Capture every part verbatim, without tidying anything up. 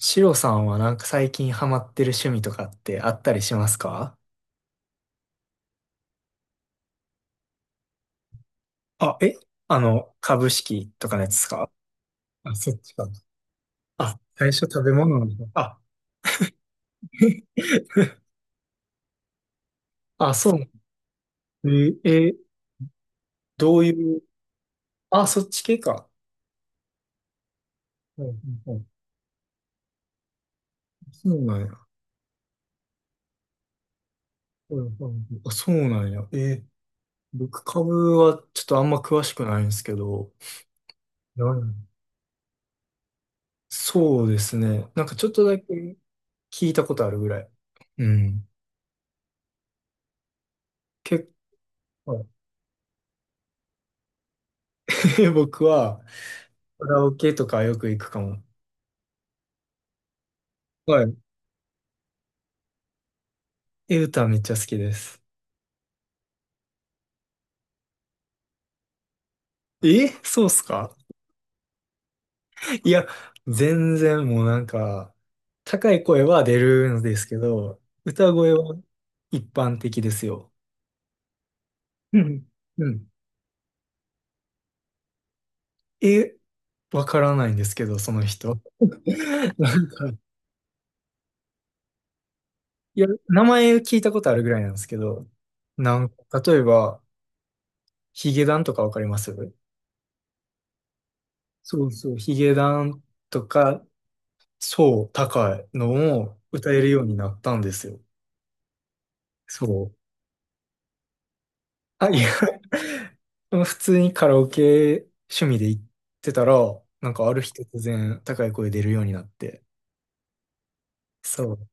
シロさんはなんか最近ハマってる趣味とかってあったりしますか？あ、え。あの、株式とかのやつですか？あ、そっちか。あ、最初食べ物なんだ。あ、あ、そう。えー、えーどういう、あ、そっち系か。うんうんうん、そうなんや。うんうんうん、あ、そうなんや。えー僕株はちょっとあんま詳しくないんですけど、なんそうですね。なんかちょっとだけ聞いたことあるぐらい。うん。結構、僕は、カラオケとかよく行くかも。はい。え、歌めっちゃ好きです。え、そうっすか？いや、全然もうなんか、高い声は出るんですけど、歌声は一般的ですよ。うん。うん。え、わからないんですけど、その人。なんか、いや、名前聞いたことあるぐらいなんですけど、なんか、例えば、ヒゲダンとかわかります？そうそう、ヒゲダンとか、そう、高いのを歌えるようになったんですよ。そう。あ、いや、普通にカラオケ趣味で行ってたら、なんかある日突然高い声出るようになって。そう。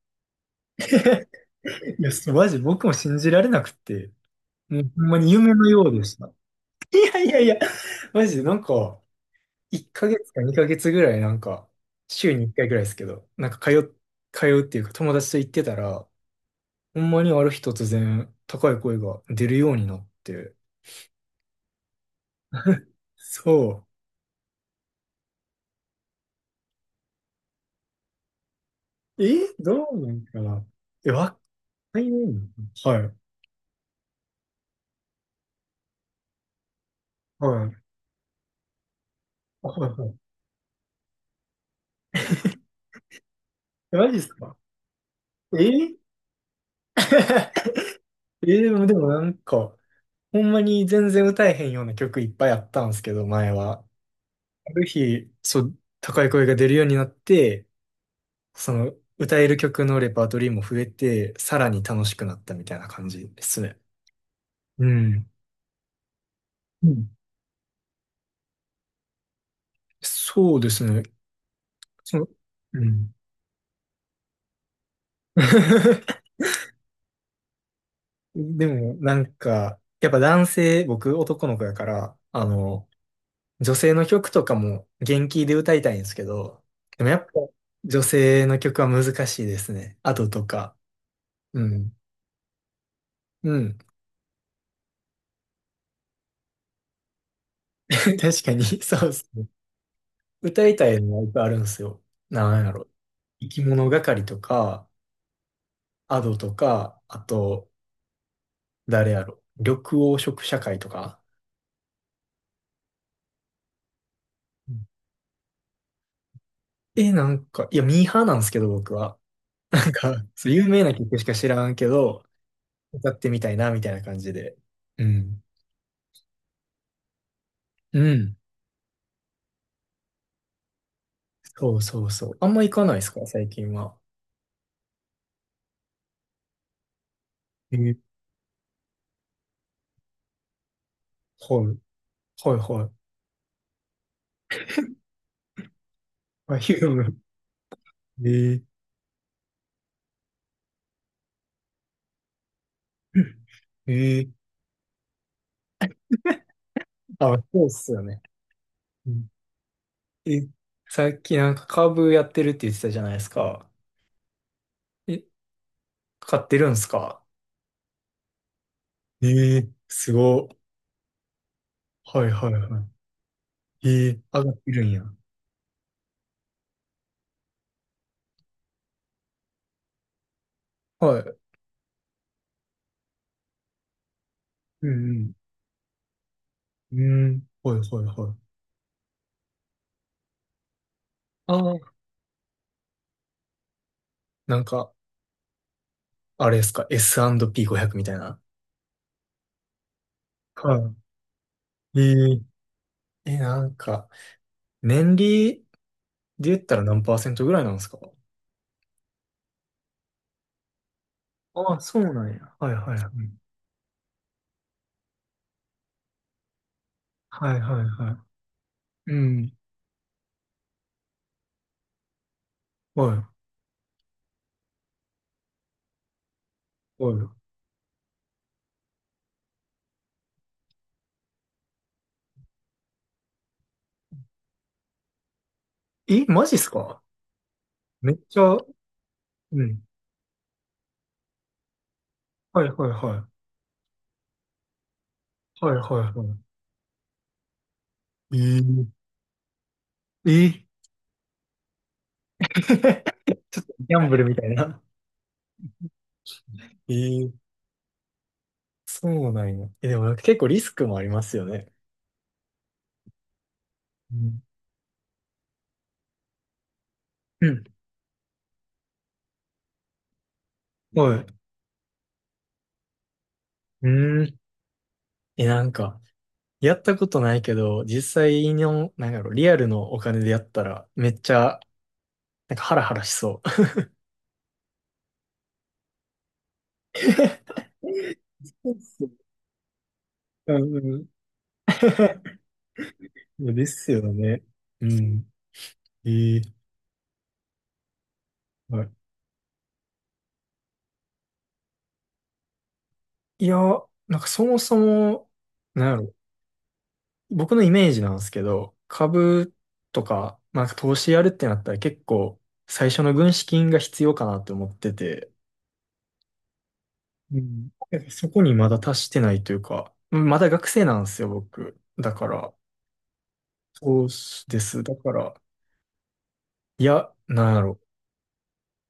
いや、そうマジ僕も信じられなくて、もうほんまに夢のようでした。いやいやいや、マジでなんか、いっかげつかにかげつぐらいなんか、週にいっかいぐらいですけど、なんか通っ、通うっていうか友達と行ってたら、ほんまにある日突然高い声が出るようになって、そう。え、どうなんかな？え、若いね。はい。はい。あ、はいはい。え、マジっすか？え、 え、でも、でもなんか、ほんまに全然歌えへんような曲いっぱいあったんですけど、前は。ある日、そう、高い声が出るようになって、その、歌える曲のレパートリーも増えて、さらに楽しくなったみたいな感じですね。うん。うん、そうですね。その、うん。でも、なんか、やっぱ男性、僕男の子やから、あの、女性の曲とかも元気で歌いたいんですけど、でもやっぱ女性の曲は難しいですね。アドとか。うん。うん。確かに、そうですね。歌いたいのはいっぱいあるんですよ。なんやろ。生き物係とか、アドとか、あと、誰やろ。緑黄色社会とか。うん、え、なんか、いや、ミーハーなんですけど、僕は。なんか、そう有名な曲しか知らんけど、歌ってみたいな、みたいな感じで。うん。うん。そうそうそう。あんま行かないですか、最近は。えー、はい。はいはい。あ、ヒューム。えー、えー、あ、そうっすよね。うん。え、さっきなんかカーブやってるって言ってたじゃないですか。え、買ってるんすか？えー、すご。はいはいはい。えー、上がってるんや。はい。うんうん。うん。はいはいはい。ああ。なんか、あれですか、 S&ピーごひゃく みたいな。はい。ええ。え、なんか、年利で言ったら何パーセントぐらいなんですか？ああ、そうなんや。はいはいはい。はいはいはい、うん。はい。はい。え、マジっすか？めっちゃ、うん。はいはいはい。はいはいはい。えー、えー ちょっとギャンブルみたいな。えー、そうなんや。え、でもなんか結構リスクもありますよね。うんうん。はい。うん。え、なんか、やったことないけど、実際の、なんやろう、リアルのお金でやったら、めっちゃ、なんかハラハラしそう。そうっすね。うんうん。ですよね。うん。ええ。はい。いや、なんかそもそも、なんやろ、僕のイメージなんですけど、株とか、なんか投資やるってなったら結構、最初の軍資金が必要かなって思ってて、うん。そこにまだ達してないというか、まだ学生なんですよ、僕。だから、そうです。だから、いや、なんやろ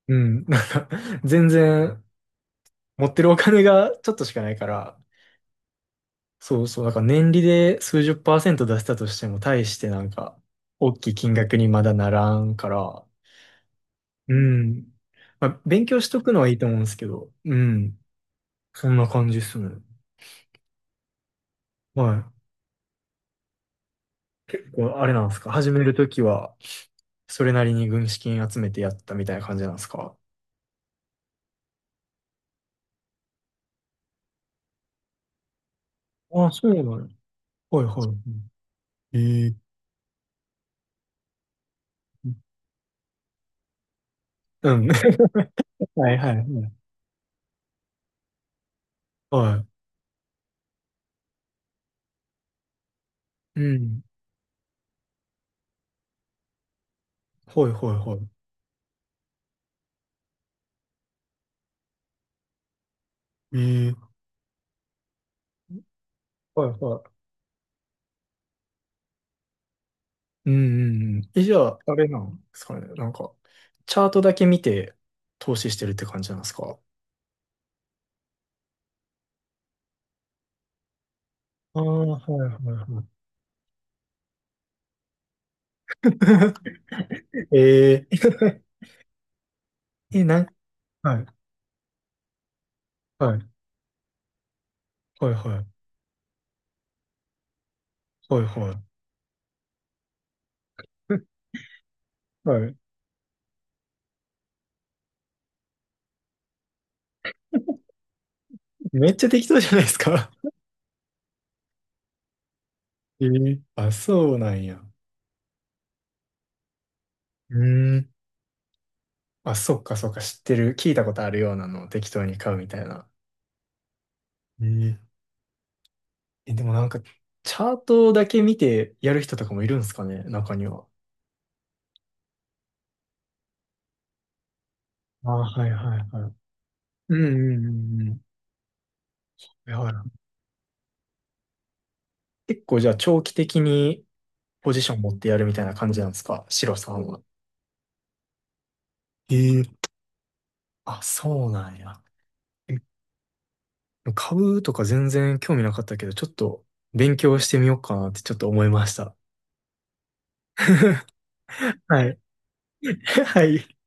う。うん。なんか、全然、持ってるお金がちょっとしかないから、そうそう。なんか年利で数十パーセント出したとしても、大してなんか、大きい金額にまだならんから、うん。まあ、勉強しとくのはいいと思うんですけど、うん。そんな感じっすね。はい。こう、あれなんですか？始めるときは、それなりに軍資金集めてやったみたいな感じなんですか？あ、そうなの。はいはい。ええー、うん。はいはいはい。はい。うん。はいはいはい。ええ、はいはい。うんうんうん。え、じゃあ、あれなんですかね。なんか、チャートだけ見て投資してるって感じなんですか？ああ、はいはいはい。え、ええ、なん、はいはいはい、はいはいはい。はい。めっちゃ適当じゃないですか。ええ、あ、そうなんや。うーん。あ、そっかそっか、知ってる。聞いたことあるようなのを適当に買うみたいな。えーえ、でもなんか、チャートだけ見てやる人とかもいるんですかね、中には。ああ、はいはいはい。うんうんうんうん。いや、結構じゃあ長期的にポジション持ってやるみたいな感じなんですか、シロさんは？ええ、あ、そうなんや。え、株とか全然興味なかったけど、ちょっと勉強してみようかなってちょっと思いました。はい。はい。